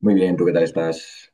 Muy bien, ¿tú qué tal estás?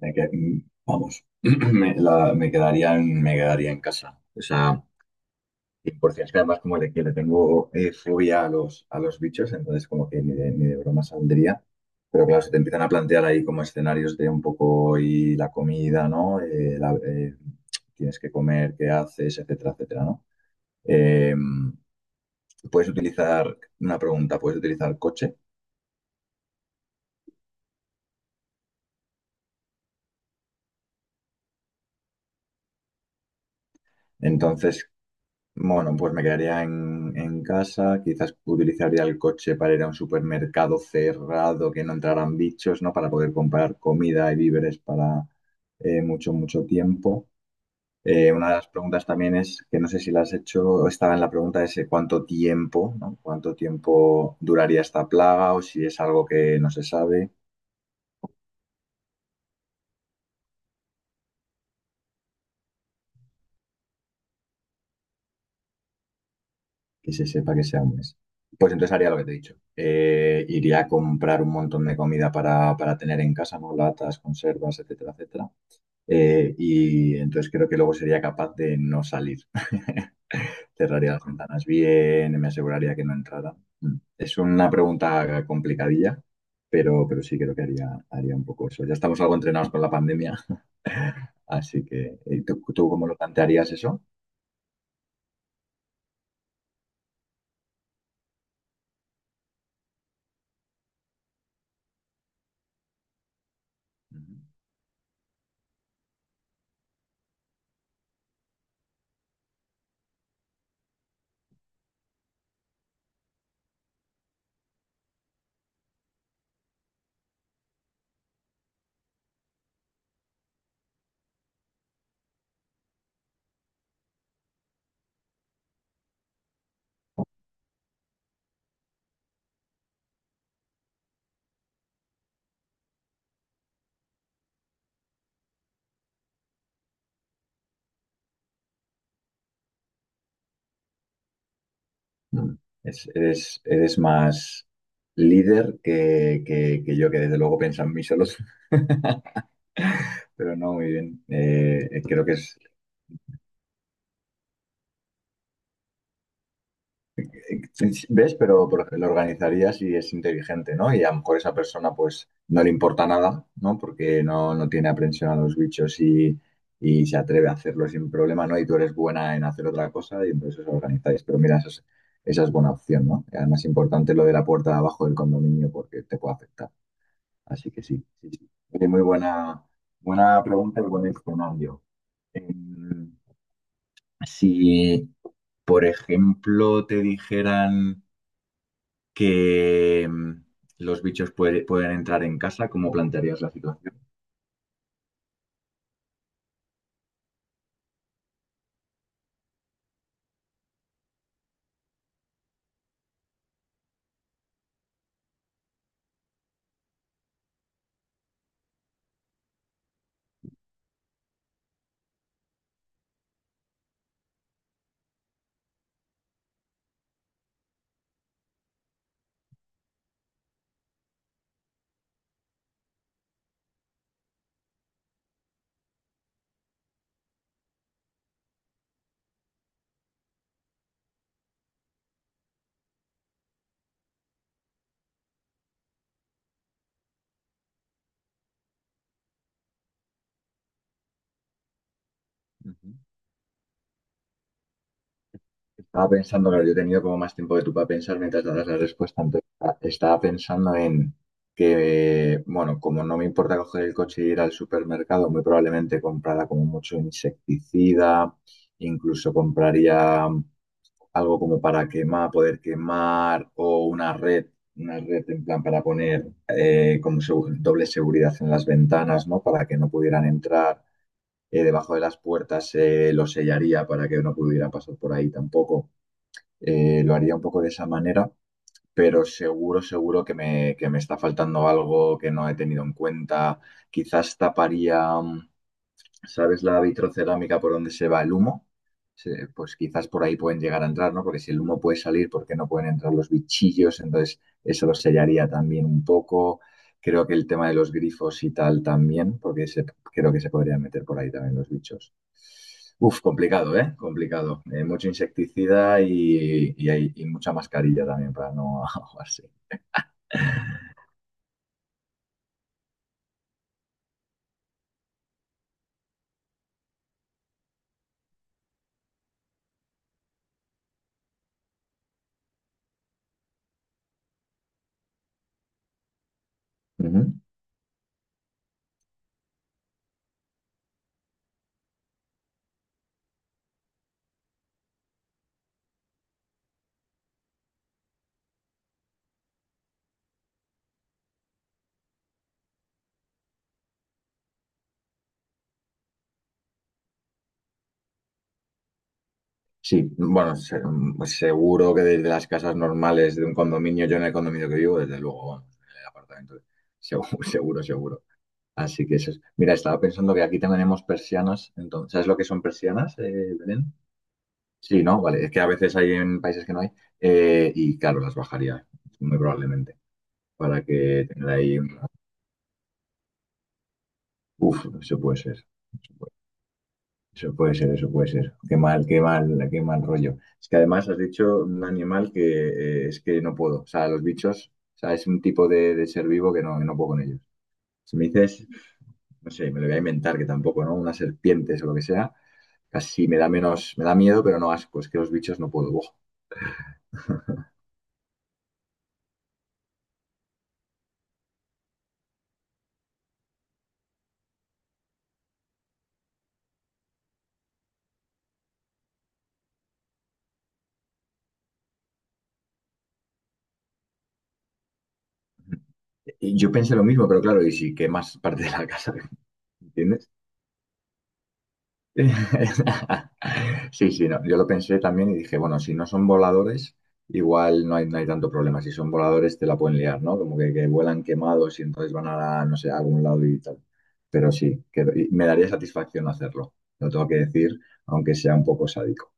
Me que- mm, Vamos, me quedaría me quedaría en casa. O sea, 100%. Es que además que le tengo fobia a los bichos, entonces como que ni de, ni de broma saldría. Pero claro, se te empiezan a plantear ahí como escenarios de un poco y la comida, ¿no? Tienes que comer, qué haces, etcétera, etcétera, ¿no? Eh, puedes utilizar, una pregunta, ¿puedes utilizar coche? Entonces, bueno, pues me quedaría en casa, quizás utilizaría el coche para ir a un supermercado cerrado, que no entraran bichos, ¿no? Para poder comprar comida y víveres para mucho, mucho tiempo. Una de las preguntas también es, que no sé si la has hecho, estaba en la pregunta ese cuánto tiempo, ¿no? ¿Cuánto tiempo duraría esta plaga o si es algo que no se sabe? Que se sepa que sea un mes. Pues entonces haría lo que te he dicho. Iría a comprar un montón de comida para tener en casa, ¿no? Latas, conservas, etcétera, etcétera. Y entonces creo que luego sería capaz de no salir. Cerraría las ventanas bien, me aseguraría que no entrara. Mm. Es una pregunta complicadilla, pero sí creo que haría, haría un poco eso. Ya estamos algo entrenados con la pandemia, así que ¿tú, tú cómo lo plantearías eso? Ujú. Mm. Eres, eres más líder que yo, que desde luego piensa en mí solo, pero no, muy bien. Creo que es, eh, ¿ves? Pero por ejemplo, lo organizaría si es inteligente, ¿no? Y a lo mejor esa persona pues no le importa nada, ¿no? Porque no, no tiene aprensión a los bichos y se atreve a hacerlo sin problema, ¿no? Y tú eres buena en hacer otra cosa y entonces os organizáis. Pero mira, esa es buena opción, ¿no? Y además es importante lo de la puerta de abajo del condominio porque te puede afectar. Así que sí, sí, sí. Oye, muy buena, buena pregunta y buen escenario. Em, si, por ejemplo, te dijeran que los pueden entrar en casa, ¿cómo plantearías la situación? Ujú. Estaba pensando, claro, yo he tenido como más tiempo que tú para pensar mientras dabas la respuesta. Entonces, estaba pensando en que, bueno, como no me importa coger el coche y ir al supermercado, muy probablemente comprara como mucho insecticida, incluso compraría algo como para quemar, poder quemar o una red en plan para poner como doble seguridad en las ventanas, ¿no? Para que no pudieran entrar debajo de las puertas, lo sellaría para que no pudiera pasar por ahí tampoco. Lo haría un poco de esa manera, pero seguro, seguro que me está faltando algo que no he tenido en cuenta. Quizás taparía. ¿Sabes la vitrocerámica por donde se va el humo? Pues quizás por ahí pueden llegar a entrar, ¿no? Porque si el humo puede salir, ¿por qué no pueden entrar los bichillos? Entonces, eso lo sellaría también un poco. Creo que el tema de los grifos y tal también, creo que se podrían meter por ahí también los bichos. Uf, complicado, ¿eh? Complicado. Mucho insecticida y mucha mascarilla también para no ahogarse. Ujú. Sí, bueno, seguro que desde las casas normales de un condominio, yo en el condominio que vivo, desde luego, vamos, en el apartamento, seguro, seguro, seguro. Así que eso es. Mira, estaba pensando que aquí tenemos persianas, entonces, ¿sabes lo que son persianas, Belén? Sí, ¿no? Vale, es que a veces hay en países que no hay, y claro, las bajaría, muy probablemente, para que tenga ahí una... Uf, eso puede ser. Eso puede ser, eso puede ser. Qué mal, qué mal, qué mal rollo. Es que además has dicho un animal que es que no puedo. O sea, los bichos, o sea, es un tipo de ser vivo que no puedo con ellos. Si me dices, no sé, me lo voy a inventar, que tampoco, ¿no? Unas serpientes o lo que sea, casi me da menos, me da miedo, pero no asco. Es que los bichos no puedo. Buah. Y yo pensé lo mismo, pero claro, ¿y si quemas parte de la casa? ¿Entiendes? Sí, sí, no. Yo lo pensé también y dije, bueno, si no son voladores, igual no hay, no hay tanto problema. Si son voladores, te la pueden liar, ¿no? Como que vuelan quemados y entonces van a, no sé, a algún lado y tal. Pero sí, que, y me daría satisfacción hacerlo. Lo tengo que decir, aunque sea un poco sádico.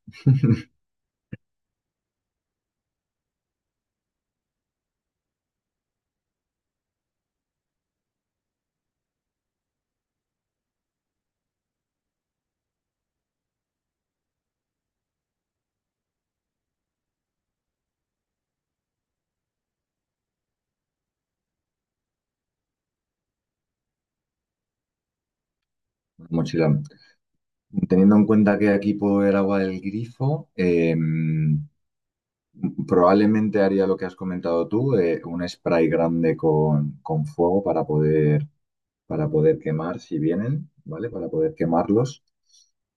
Mochila. Teniendo en cuenta que aquí puedo ver agua del grifo, probablemente haría lo que has comentado tú, un spray grande con fuego para poder quemar si vienen, ¿vale? Para poder quemarlos.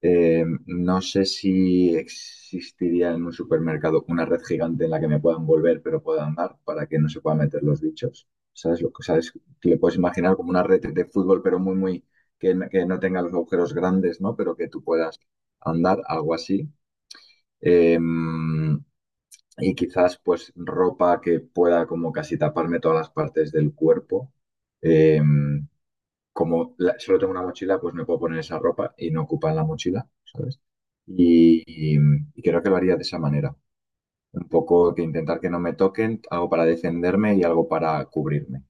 No sé si existiría en un supermercado una red gigante en la que me puedan envolver pero pueda andar para que no se puedan meter los bichos. ¿Sabes lo que sabes? Te le puedes imaginar como una red de fútbol, pero muy, muy, que, que no tenga los agujeros grandes, ¿no? Pero que tú puedas andar, algo así. Eh, y quizás, pues, ropa que pueda como casi taparme todas las partes del cuerpo. Eh, solo tengo una mochila, pues me puedo poner esa ropa y no ocupa la mochila, ¿sabes? Y, y- y creo que lo haría de esa manera. Un poco que intentar que no me toquen, algo para defenderme y algo para cubrirme.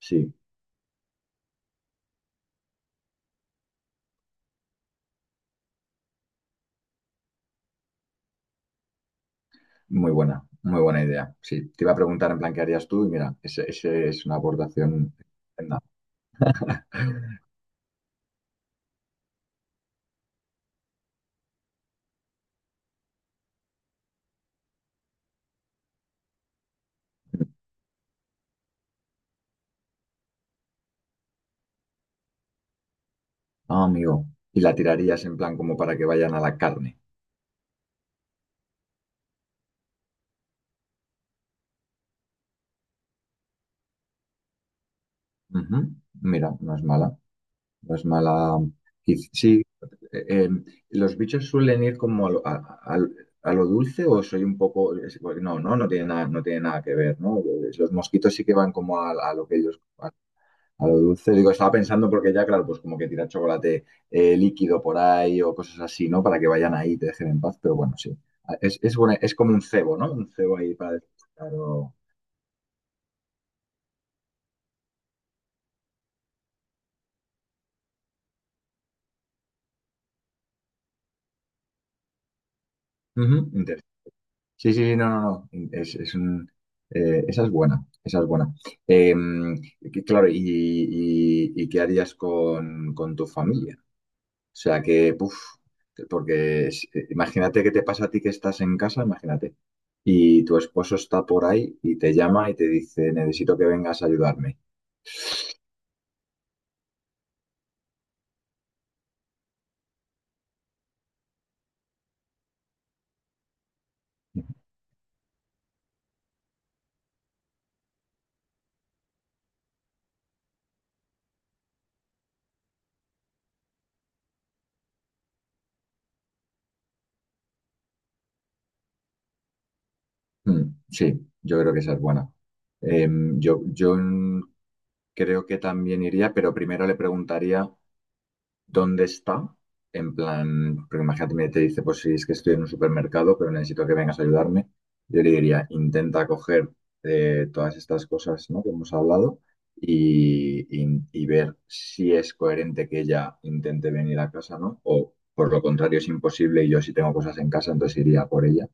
Sí, muy buena idea. Sí, te iba a preguntar en plan qué harías tú y mira, ese es una abordación estupenda. Ah, amigo. Y la tirarías en plan como para que vayan a la carne. Ujú, mira, no es mala. No es mala. Sí, eh, eh, los bichos suelen ir como a a lo dulce o soy un poco... No, no, no tiene nada, no tiene nada que ver, ¿no? Los mosquitos sí que van como a lo que ellos... A, a lo dulce. Digo, estaba pensando porque ya, claro, pues como que tira chocolate líquido por ahí o cosas así, ¿no? Para que vayan ahí y te dejen en paz, pero bueno, sí. Ah, es, es como un cebo, ¿no? Un cebo ahí para... Claro. Ujú, interesante. Sí, sí, sí, no, no, no. Es un, esa es buena, esa es buena. Eh, claro, y qué harías con tu familia? O sea, que, puf, porque imagínate que te pasa a ti que estás en casa, imagínate, y tu esposo está por ahí y te llama y te dice, necesito que vengas a ayudarme. Mm, sí, yo creo que esa es buena. Eh, yo, yo creo que también iría, pero primero le preguntaría. ¿Dónde está? En plan, porque imagínate, me te dice, pues si es que estoy en un supermercado, pero necesito que vengas a ayudarme. Yo le diría, intenta coger todas estas cosas, ¿no? Que hemos hablado y ver si es coherente que ella intente venir a casa, ¿no? O por lo contrario, es imposible y yo si tengo cosas en casa, entonces iría por ella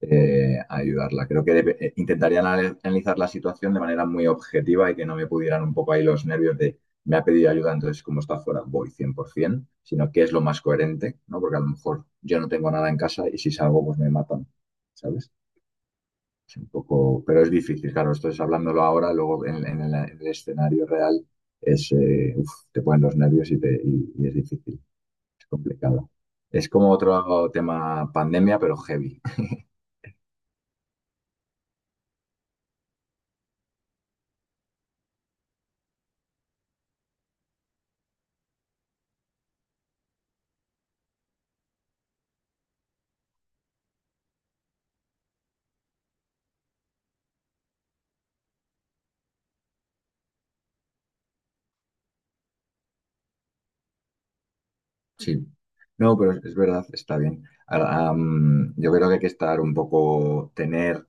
ayudarla. Creo que intentaría analizar la situación de manera muy objetiva y que no me pudieran un poco ahí los nervios de me ha pedido ayuda, entonces como está fuera, voy 100%, sino qué es lo más coherente, ¿no? Porque a lo mejor yo no tengo nada en casa y si salgo, pues me matan, ¿sabes? Es un poco, pero es difícil, claro, esto es hablándolo ahora, luego en, en el escenario real es, uf, te ponen los nervios y, te, y es difícil, es complicado. Es como otro tema pandemia, pero heavy. Sí, no, pero es verdad, está bien. Ah, am, yo creo que hay que estar un poco, tener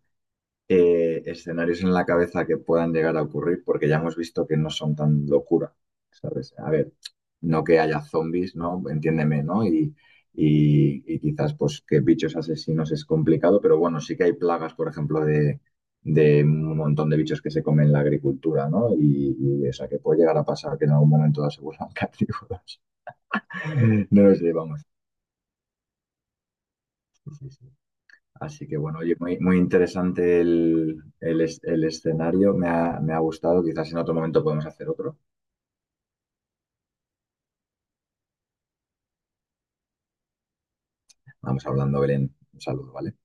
escenarios en la cabeza que puedan llegar a ocurrir, porque ya hemos visto que no son tan locura, ¿sabes? A ver, no que haya zombies, ¿no? Entiéndeme, ¿no? Y quizás pues que bichos asesinos es complicado, pero bueno, sí que hay plagas, por ejemplo, de un montón de bichos que se comen la agricultura, ¿no? Y o sea, que puede llegar a pasar que en algún momento se vuelvan carnívoros. No los llevamos. Sí, sí. Así que bueno, oye, muy, muy interesante el, el escenario. Me ha gustado. Quizás en otro momento podemos hacer otro. Vamos hablando, Belén. Un saludo, ¿vale?